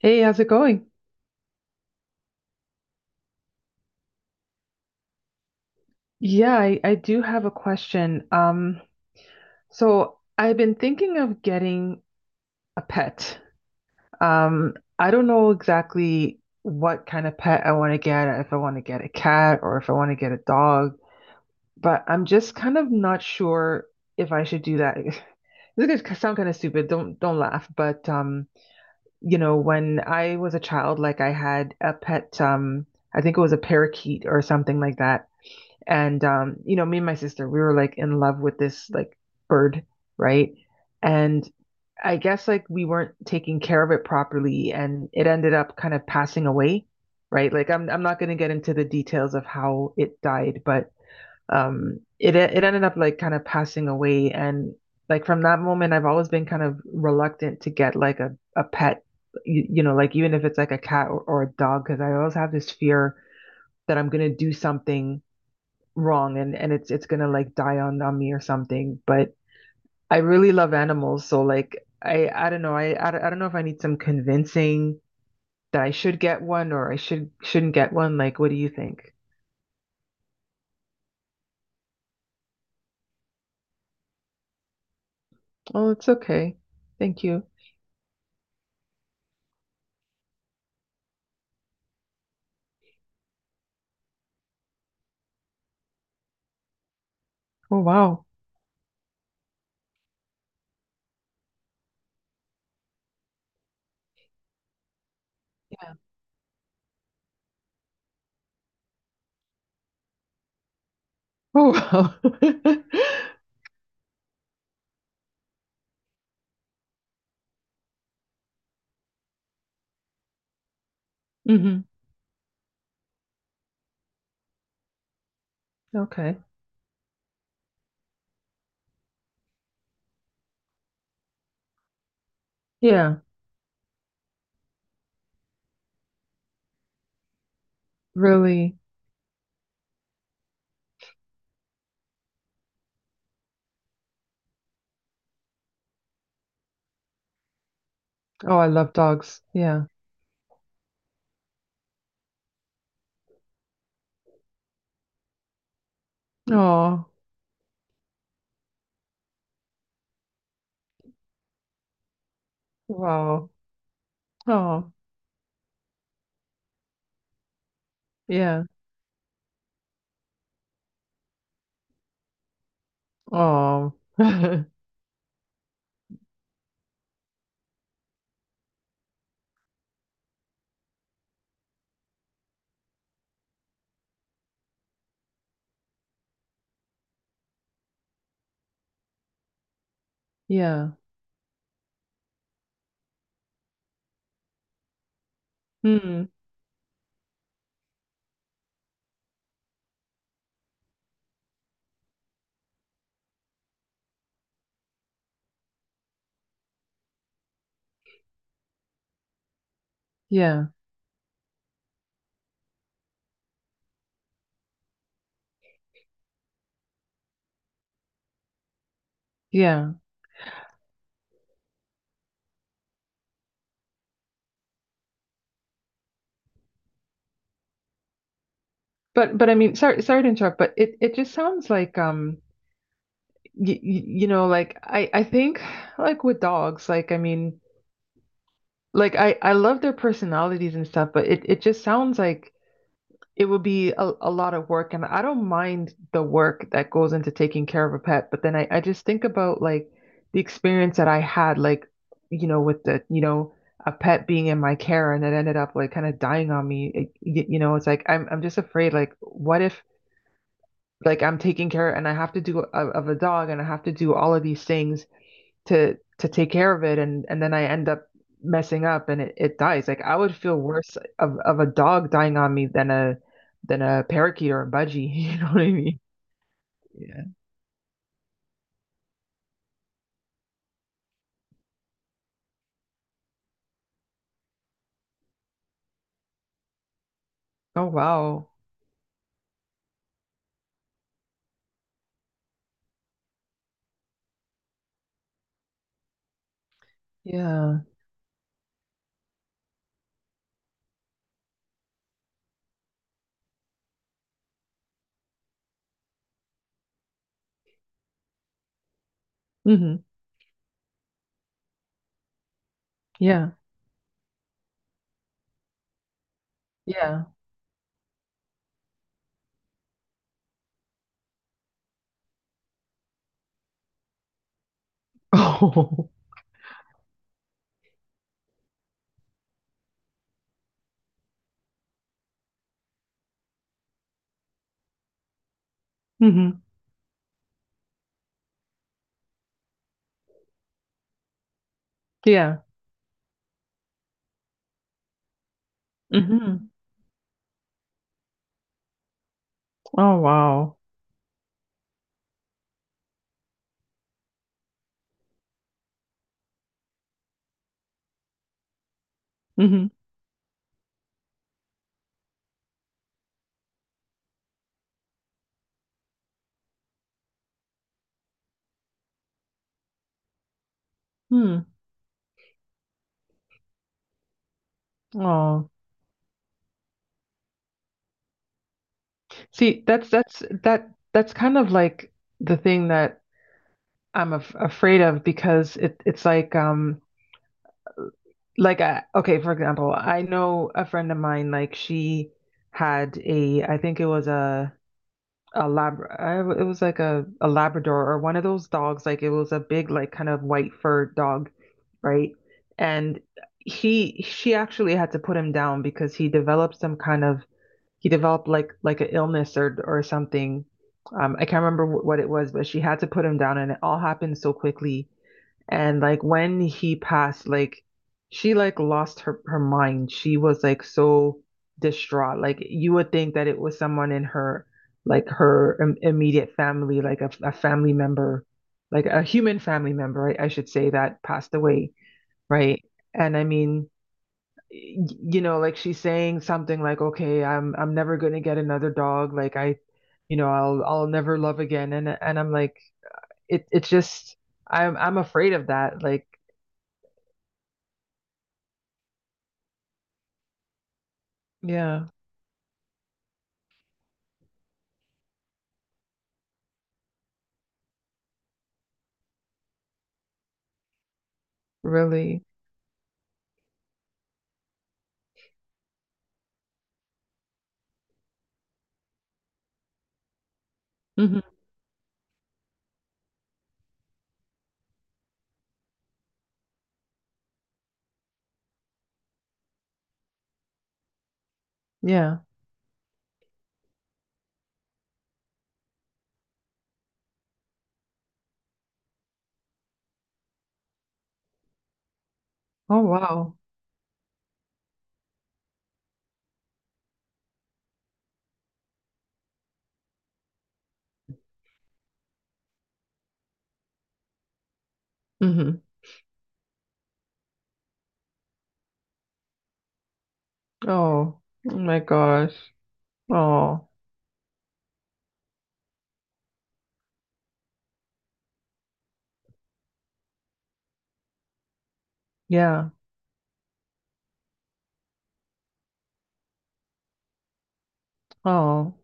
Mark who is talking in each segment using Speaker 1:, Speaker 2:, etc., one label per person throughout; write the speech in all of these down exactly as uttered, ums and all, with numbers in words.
Speaker 1: Hey, how's it going? Yeah, I, I do have a question. Um, so I've been thinking of getting a pet. Um, I don't know exactly what kind of pet I want to get, if I want to get a cat or if I want to get a dog, but I'm just kind of not sure if I should do that. This is gonna sound kind of stupid. Don't don't laugh, but um, you know, when I was a child, like I had a pet, um, I think it was a parakeet or something like that. And um, you know, me and my sister, we were like in love with this like bird, right? And I guess like we weren't taking care of it properly, and it ended up kind of passing away, right? Like I'm I'm not going to get into the details of how it died, but um it it ended up like kind of passing away. And like from that moment I've always been kind of reluctant to get like a a pet, you, you know, like even if it's like a cat or, or a dog, because I always have this fear that I'm going to do something wrong, and and it's it's gonna like die on on me or something. But I really love animals, so like I I don't know. I I don't I don't know if I need some convincing that I should get one or I should shouldn't get one. Like, what do you think? Oh, it's okay. Thank you. Oh, wow. Yeah. Oh, wow. Hmm. Okay. Yeah. Really? Oh, I love dogs, yeah. Oh, wow. oh yeah oh. Yeah. Hmm. Yeah. Yeah. But but I mean, sorry sorry to interrupt, but it it just sounds like um y y- you know like I I think, like with dogs, like I mean, like I I love their personalities and stuff, but it it just sounds like it would be a, a lot of work. And I don't mind the work that goes into taking care of a pet, but then I I just think about like the experience that I had, like you know with the you know a pet being in my care, and it ended up like kind of dying on me. It- y- you know, it's like I'm I'm just afraid, like, what if like I'm taking care, and I have to do of, of a dog, and I have to do all of these things to to take care of it, and and then I end up messing up, and it, it dies. Like, I would feel worse of of a dog dying on me than a than a parakeet or a budgie. You know what I mean? Yeah. Oh, wow. Yeah. Hmm. Yeah. Yeah. Oh. Hmm. Yeah. Hmm. Oh, wow. Hmm. Hmm. Oh. See, that's that's that that's kind of like the thing that I'm af afraid of, because it it's like um like I, okay, for example, I know a friend of mine, like she had a, I think it was a a lab. I, it was like a a Labrador, or one of those dogs, like it was a big like kind of white fur dog, right? And he she actually had to put him down because he developed some kind of he developed like like an illness or or something. um I can't remember wh- what it was, but she had to put him down, and it all happened so quickly. And like when he passed, like she like lost her her mind. She was like so distraught. Like, you would think that it was someone in her, like her im immediate family, like a, a family member, like a human family member, I, I should say, that passed away, right? And I mean, y- you know, like she's saying something like, "Okay, I'm I'm never gonna get another dog. Like I, you know, I'll I'll never love again." And and I'm like, it it's just. I'm I'm afraid of that. Like. Yeah, really. Mhm. Yeah. Oh, wow. Mhm. Oh, oh my gosh. Oh, yeah. Oh.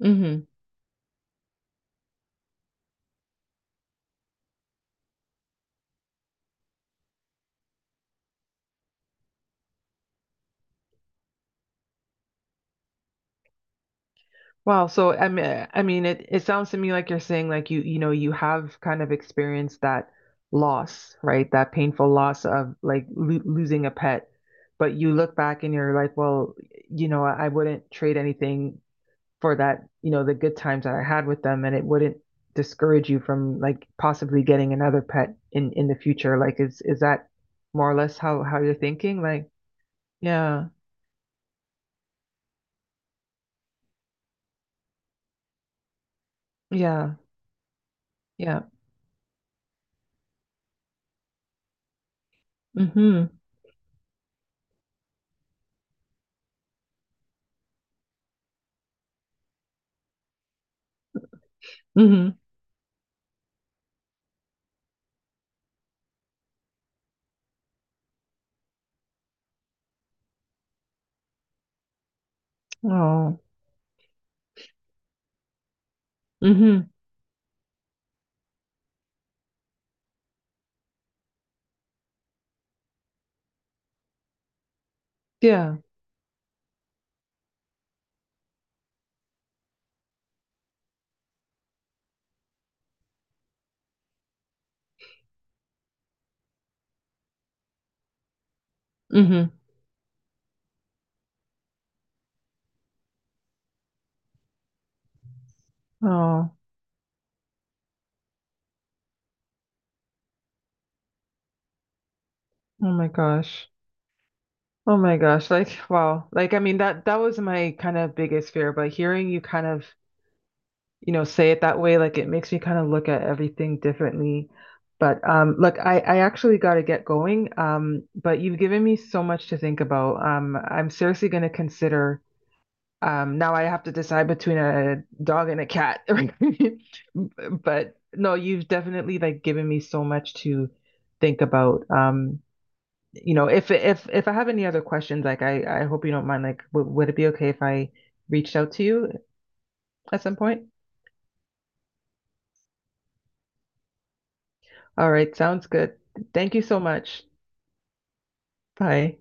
Speaker 1: Mhm. Wow. So I mean, I mean, it it sounds to me like you're saying, like, you you know you have kind of experienced that loss, right? That painful loss of like lo losing a pet, but you look back and you're like, well, you know, I, I wouldn't trade anything for that, you know, the good times that I had with them, and it wouldn't discourage you from like possibly getting another pet in in the future. Like, is is that more or less how how you're thinking? Like, yeah, yeah, yeah. Mm-hmm. Mm-hmm. Oh. Mm-hmm. Yeah. Mm-hmm. Oh. Oh my gosh. Oh my gosh. Like, wow. Like, I mean, that that was my kind of biggest fear, but hearing you kind of you know, say it that way, like it makes me kind of look at everything differently. But um, look, I, I actually got to get going. Um, but you've given me so much to think about. Um, I'm seriously going to consider. Um, now I have to decide between a dog and a cat. But no, you've definitely like given me so much to think about. Um, you know, if if if I have any other questions, like I I hope you don't mind. Like, w would it be okay if I reached out to you at some point? All right, sounds good. Thank you so much. Bye.